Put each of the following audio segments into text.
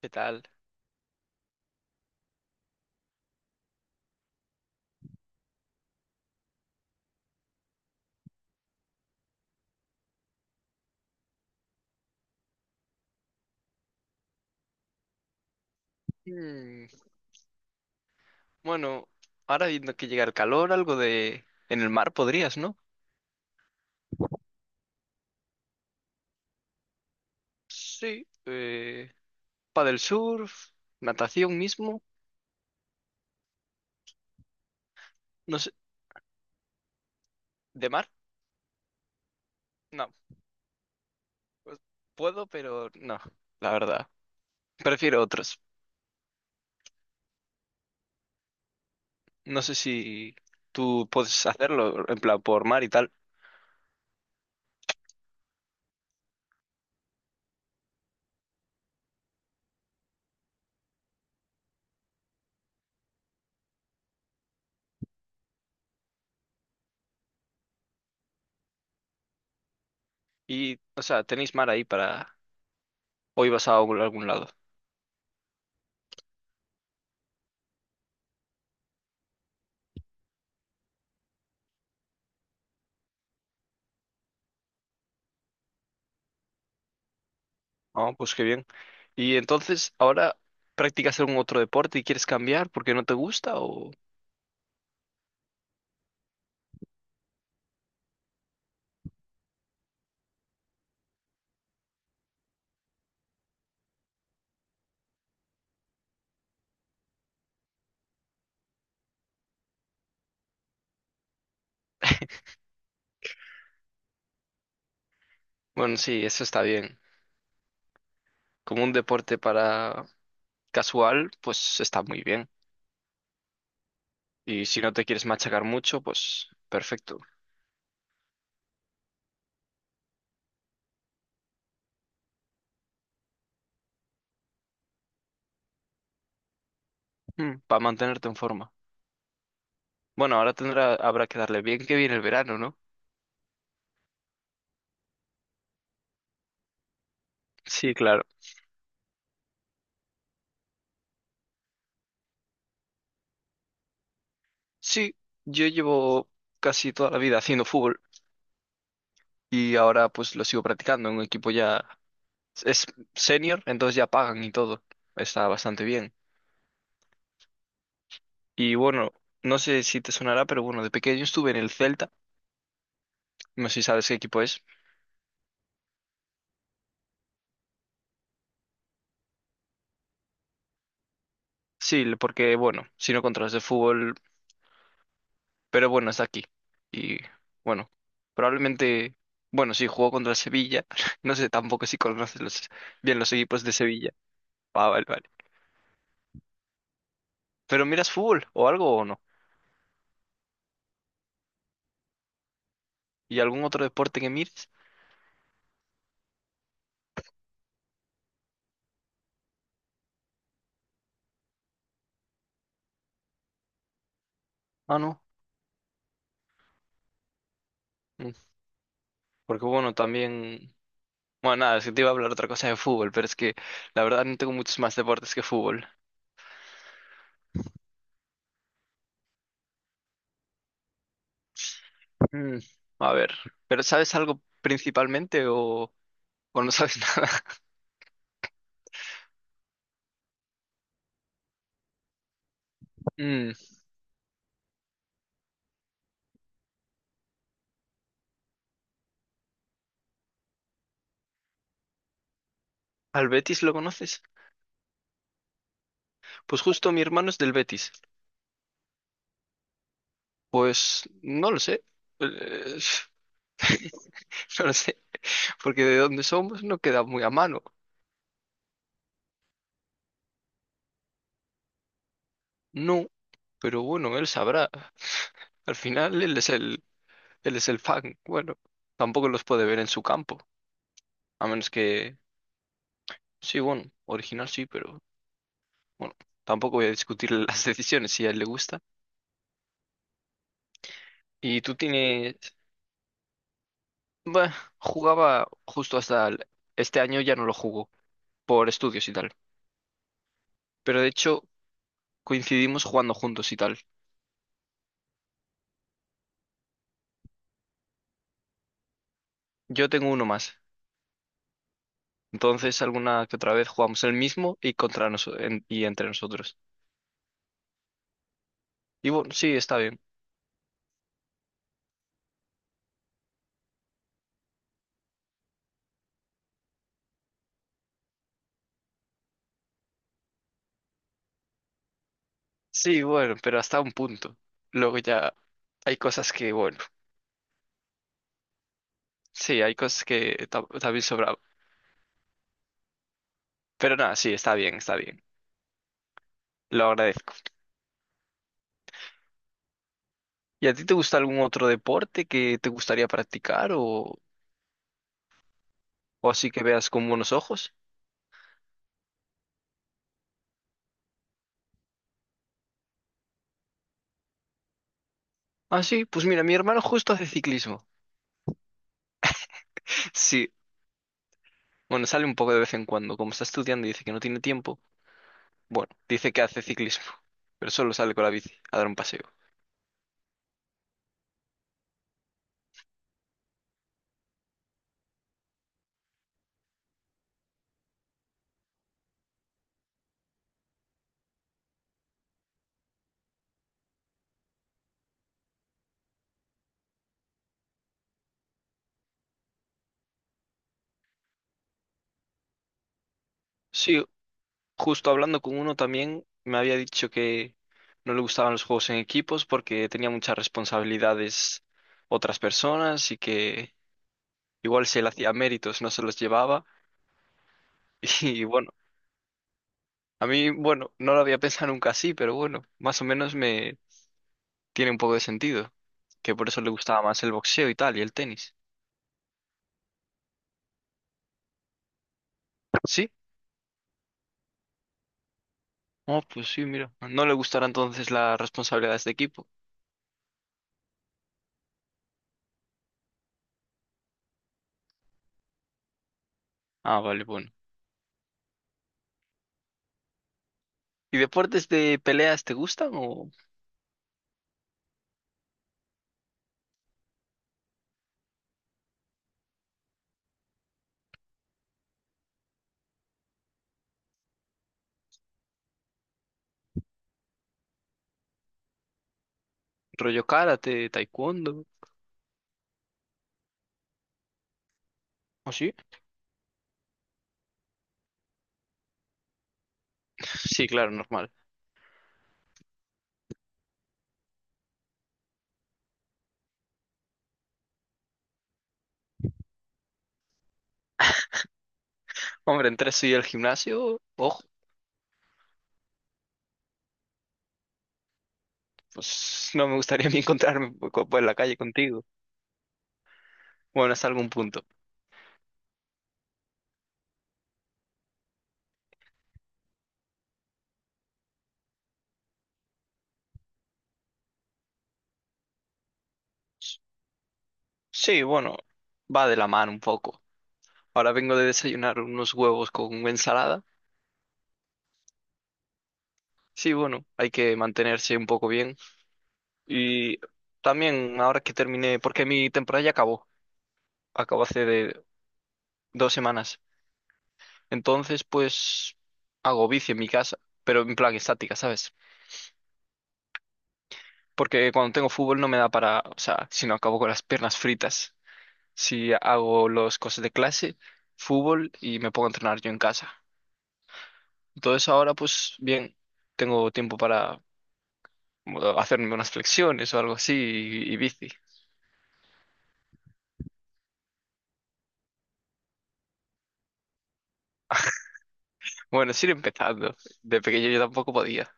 ¿Qué tal? Mm, Bueno, ahora viendo que llega el calor, algo de... En el mar podrías, ¿no? Sí. Del surf, natación mismo, no sé. ¿De mar? No. Pues, puedo, pero no, la verdad. Prefiero otros. No sé si tú puedes hacerlo, en plan, por mar y tal. Y, o sea, tenéis mar ahí para... Hoy vas a algún lado. Ah, pues qué bien. Y entonces, ahora... ¿Practicas algún otro deporte y quieres cambiar porque no te gusta o...? Bueno, sí, eso está bien. Como un deporte para casual, pues está muy bien. Y si no te quieres machacar mucho, pues perfecto. Para mantenerte en forma. Bueno, ahora tendrá, habrá que darle bien que viene el verano, ¿no? Sí, claro. Sí, yo llevo casi toda la vida haciendo fútbol y ahora pues lo sigo practicando en un equipo ya es senior, entonces ya pagan y todo. Está bastante bien. Y bueno, no sé si te sonará, pero bueno, de pequeño estuve en el Celta. No sé si sabes qué equipo es. Sí, porque bueno, si no controlas el fútbol, pero bueno, está aquí. Y bueno, probablemente, bueno, sí, jugó contra Sevilla. No sé tampoco si conoces bien los equipos de Sevilla. Ah, vale, vale. Pero miras fútbol o algo o no. ¿Y algún otro deporte que mires? Ah, no. Mm, Porque bueno, también... Bueno, nada, es que te iba a hablar otra cosa de fútbol, pero es que la verdad no tengo muchos más deportes que fútbol. Mm, a ver, ¿pero sabes algo principalmente o no sabes nada? Mm, ¿al Betis lo conoces? Pues justo mi hermano es del Betis. Pues no lo sé. Eh, No lo sé. Porque de dónde somos no queda muy a mano. No. Pero bueno, él sabrá. Al final él es el fan. Bueno, tampoco los puede ver en su campo. A menos que, sí, bueno, original sí, pero bueno, tampoco voy a discutir las decisiones si a él le gusta. Y tú tienes, bueno, jugaba justo hasta este año ya no lo jugó por estudios y tal. Pero de hecho, coincidimos jugando juntos y tal. Yo tengo uno más. Entonces, alguna que otra vez jugamos el mismo y contra nosotros y entre nosotros. Y bueno, sí, está bien. Sí, bueno, pero hasta un punto. Luego ya hay cosas que, bueno, sí, hay cosas que también sobraba. Pero nada, sí, está bien, está bien. Lo agradezco. ¿Y a ti te gusta algún otro deporte que te gustaría practicar o así que veas con buenos ojos? Ah, sí, pues mira, mi hermano justo hace ciclismo. Sí, bueno, sale un poco de vez en cuando. Como está estudiando y dice que no tiene tiempo, bueno, dice que hace ciclismo, pero solo sale con la bici a dar un paseo. Sí, justo hablando con uno también me había dicho que no le gustaban los juegos en equipos porque tenía muchas responsabilidades otras personas y que igual si él hacía méritos no se los llevaba. Y bueno, a mí, bueno, no lo había pensado nunca así, pero bueno, más o menos me tiene un poco de sentido, que por eso le gustaba más el boxeo y tal y el tenis. ¿Sí? Oh, pues sí, mira, no le gustará entonces las responsabilidades de equipo. Ah, vale, bueno. ¿Y deportes de peleas te gustan? ¿O rollo karate, taekwondo? ¿O sí? Sí, claro, normal. Hombre, entre eso y el gimnasio, ojo, pues no me gustaría ni encontrarme por por la calle contigo. Bueno, hasta algún punto. Sí, bueno, va de la mano un poco. Ahora vengo de desayunar unos huevos con ensalada. Sí, bueno, hay que mantenerse un poco bien. Y también ahora que terminé, porque mi temporada ya acabó, acabó hace de 2 semanas. Entonces, pues hago bici en mi casa, pero en plan estática, ¿sabes? Porque cuando tengo fútbol no me da para, o sea, si no acabo con las piernas fritas. Si hago los cosas de clase, fútbol y me pongo a entrenar yo en casa. Entonces ahora, pues bien, tengo tiempo para bueno, hacerme unas flexiones o algo así y bici. Bueno, es ir empezando. De pequeño yo tampoco podía.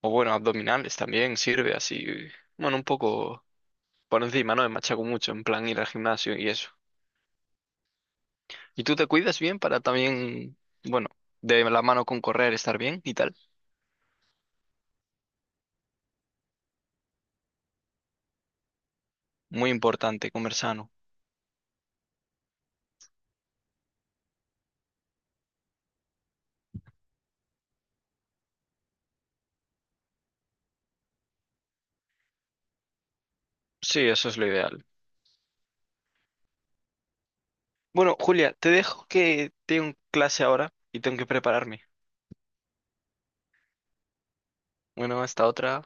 O bueno, abdominales también sirve así. Bueno, un poco por encima, ¿no? Me machaco mucho en plan ir al gimnasio y eso. ¿Y tú te cuidas bien para también, bueno, de la mano con correr, estar bien y tal? Muy importante, comer sano. Sí, eso es lo ideal. Bueno, Julia, te dejo que tengo clase ahora y tengo que prepararme. Bueno, hasta otra.